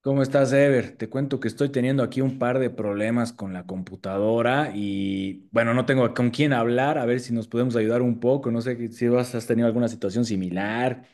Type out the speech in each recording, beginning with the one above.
¿Cómo estás, Ever? Te cuento que estoy teniendo aquí un par de problemas con la computadora y bueno, no tengo con quién hablar, a ver si nos podemos ayudar un poco, no sé que- si vas- has tenido alguna situación similar.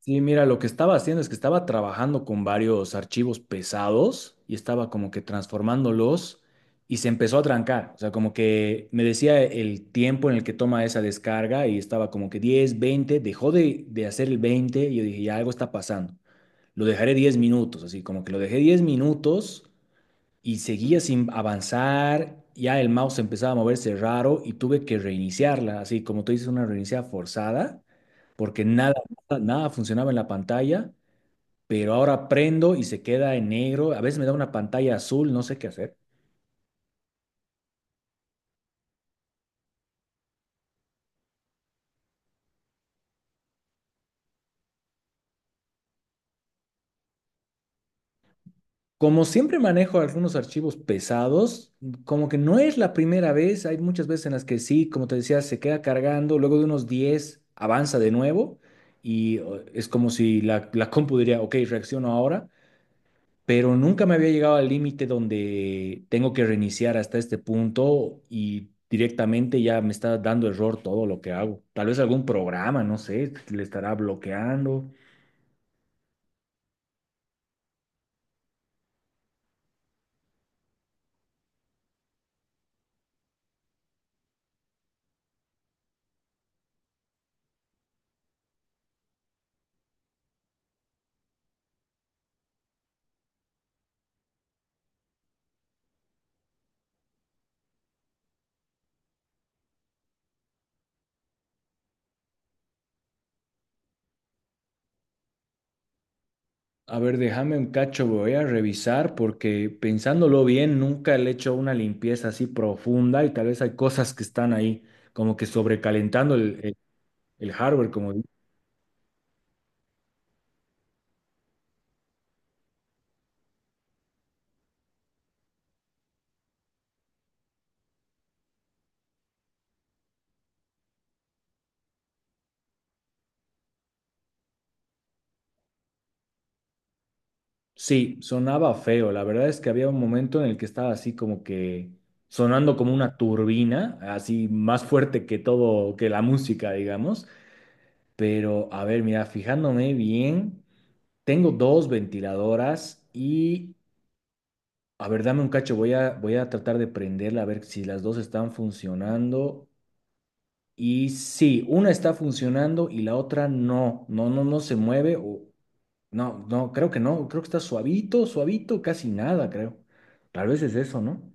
Sí, mira, lo que estaba haciendo es que estaba trabajando con varios archivos pesados y estaba como que transformándolos y se empezó a trancar, o sea, como que me decía el tiempo en el que toma esa descarga y estaba como que 10, 20. Dejó de hacer el 20 y yo dije, ya algo está pasando. Lo dejaré 10 minutos, así como que lo dejé 10 minutos y seguía sin avanzar, ya el mouse empezaba a moverse raro y tuve que reiniciarla, así como tú dices, una reiniciada forzada, porque nada, nada, nada funcionaba en la pantalla, pero ahora prendo y se queda en negro, a veces me da una pantalla azul, no sé qué hacer. Como siempre manejo algunos archivos pesados, como que no es la primera vez, hay muchas veces en las que sí, como te decía, se queda cargando, luego de unos 10 avanza de nuevo y o, es como si la compu diría, ok, reacciono ahora, pero nunca me había llegado al límite donde tengo que reiniciar hasta este punto y directamente ya me está dando error todo lo que hago. Tal vez algún programa, no sé, le estará bloqueando. A ver, déjame un cacho, voy a revisar porque pensándolo bien, nunca le he hecho una limpieza así profunda y tal vez hay cosas que están ahí como que sobrecalentando el hardware, sí, sonaba feo. La verdad es que había un momento en el que estaba así como que sonando como una turbina, así más fuerte que todo, que la música, digamos. Pero a ver, mira, fijándome bien, tengo dos ventiladoras y a ver, dame un cacho, voy a tratar de prenderla a ver si las dos están funcionando. Y sí, una está funcionando y la otra no, no, no, no se mueve. O... No, no, creo que no, creo que está suavito, suavito, casi nada, creo. Tal vez es eso, ¿no?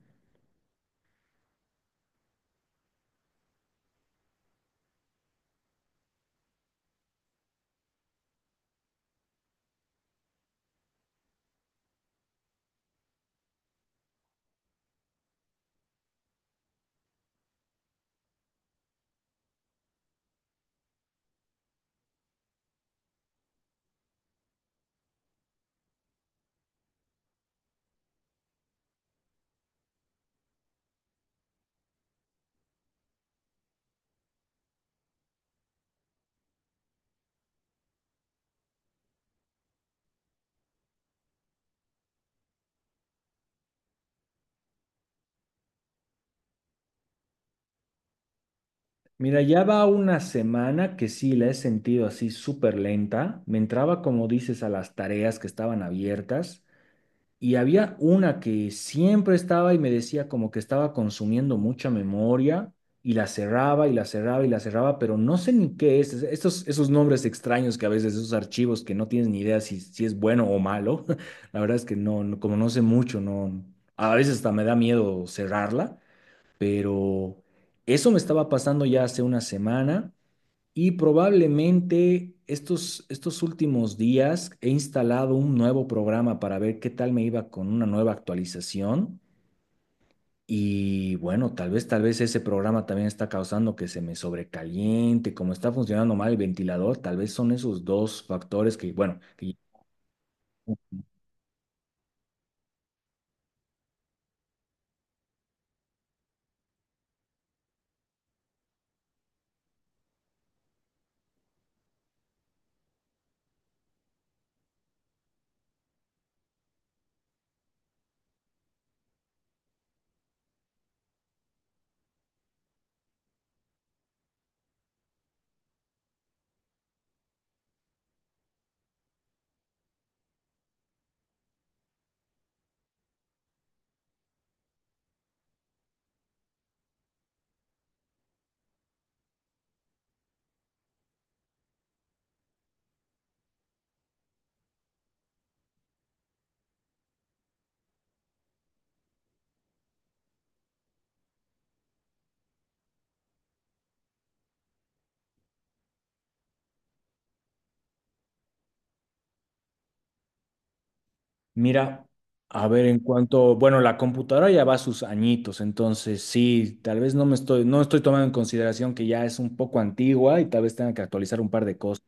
Mira, ya va una semana que sí la he sentido así súper lenta. Me entraba, como dices, a las tareas que estaban abiertas. Y había una que siempre estaba y me decía como que estaba consumiendo mucha memoria y la cerraba y la cerraba y la cerraba, pero no sé ni qué es. Estos, esos nombres extraños que a veces, esos archivos que no tienes ni idea si, si es bueno o malo, la verdad es que como no sé mucho, no, a veces hasta me da miedo cerrarla, pero eso me estaba pasando ya hace una semana. Y probablemente estos últimos días he instalado un nuevo programa para ver qué tal me iba con una nueva actualización. Y bueno, tal vez ese programa también está causando que se me sobrecaliente, como está funcionando mal el ventilador, tal vez son esos dos factores que, bueno, que mira, a ver en cuanto, bueno, la computadora ya va a sus añitos, entonces sí, tal vez no estoy tomando en consideración que ya es un poco antigua y tal vez tenga que actualizar un par de cosas.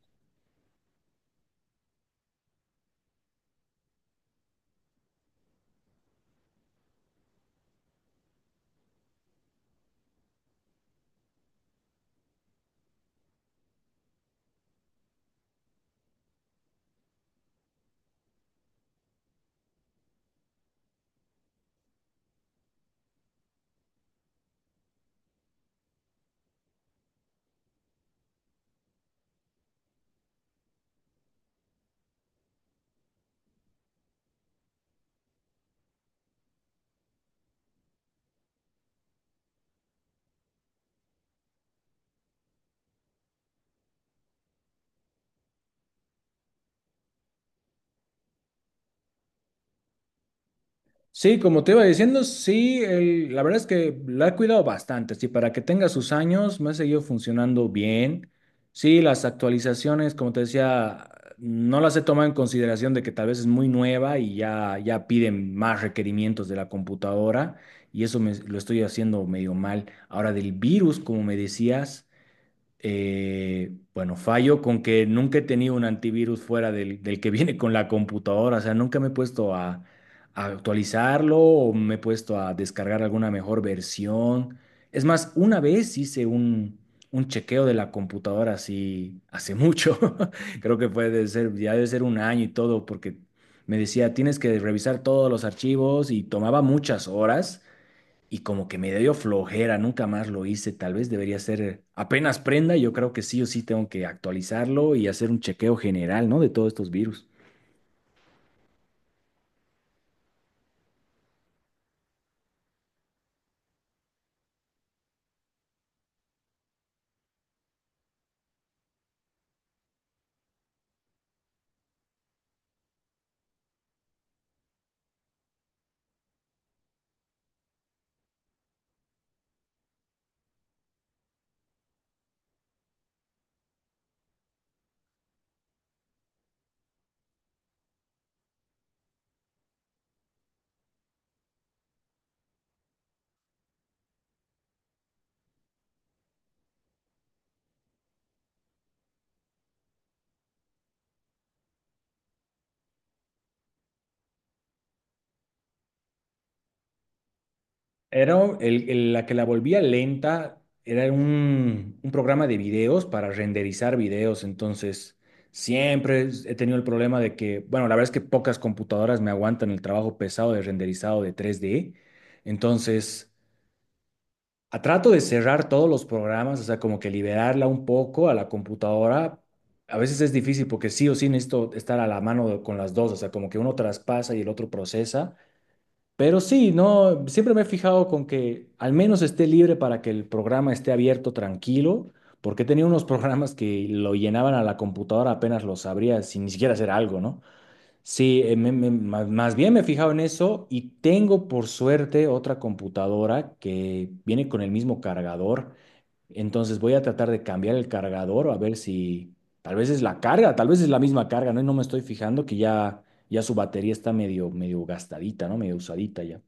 Sí, como te iba diciendo, sí, la verdad es que la he cuidado bastante, sí, para que tenga sus años, me ha seguido funcionando bien. Sí, las actualizaciones, como te decía, no las he tomado en consideración de que tal vez es muy nueva y ya, ya piden más requerimientos de la computadora y eso me, lo estoy haciendo medio mal. Ahora del virus, como me decías. Bueno, fallo con que nunca he tenido un antivirus fuera del que viene con la computadora, o sea, nunca me he puesto a actualizarlo o me he puesto a descargar alguna mejor versión. Es más, una vez hice un chequeo de la computadora así hace mucho, creo que puede ser, ya debe ser un año y todo, porque me decía, tienes que revisar todos los archivos y tomaba muchas horas y como que me dio flojera, nunca más lo hice, tal vez debería ser apenas prenda, yo creo que sí o sí tengo que actualizarlo y hacer un chequeo general, ¿no? De todos estos virus. Era la que la volvía lenta, era un programa de videos para renderizar videos, entonces siempre he tenido el problema de que, bueno, la verdad es que pocas computadoras me aguantan el trabajo pesado de renderizado de 3D, entonces... trato de cerrar todos los programas, o sea, como que liberarla un poco a la computadora. A veces es difícil porque sí o sí necesito estar a la mano con las dos, o sea, como que uno traspasa y el otro procesa. Pero sí, no, siempre me he fijado con que al menos esté libre para que el programa esté abierto tranquilo, porque tenía unos programas que lo llenaban a la computadora apenas los abría sin ni siquiera hacer algo, ¿no? Sí, más bien me he fijado en eso y tengo por suerte otra computadora que viene con el mismo cargador. Entonces voy a tratar de cambiar el cargador a ver si tal vez es la carga, tal vez es la misma carga, ¿no? Y no me estoy fijando que ya, ya su batería está medio, medio gastadita, ¿no? Medio usadita ya.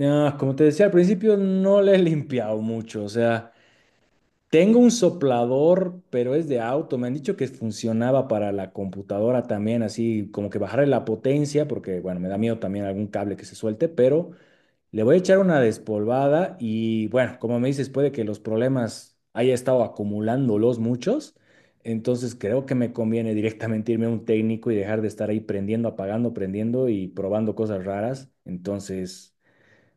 Ah, como te decía al principio, no le he limpiado mucho, o sea... Tengo un soplador, pero es de auto. Me han dicho que funcionaba para la computadora también, así como que bajarle la potencia, porque bueno, me da miedo también algún cable que se suelte, pero le voy a echar una despolvada y bueno, como me dices, puede que los problemas haya estado acumulándolos muchos, entonces creo que me conviene directamente irme a un técnico y dejar de estar ahí prendiendo, apagando, prendiendo y probando cosas raras. Entonces...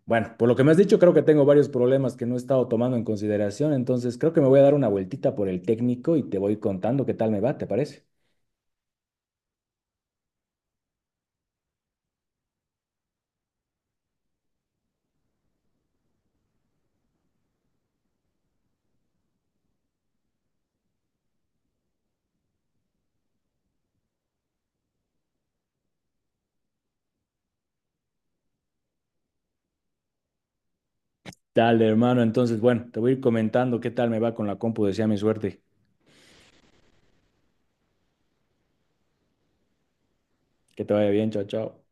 Bueno, por lo que me has dicho, creo que tengo varios problemas que no he estado tomando en consideración, entonces creo que me voy a dar una vueltita por el técnico y te voy contando qué tal me va, ¿te parece? Dale, hermano, entonces, bueno, te voy a ir comentando qué tal me va con la compu, desea mi suerte. Que te vaya bien, chao, chao.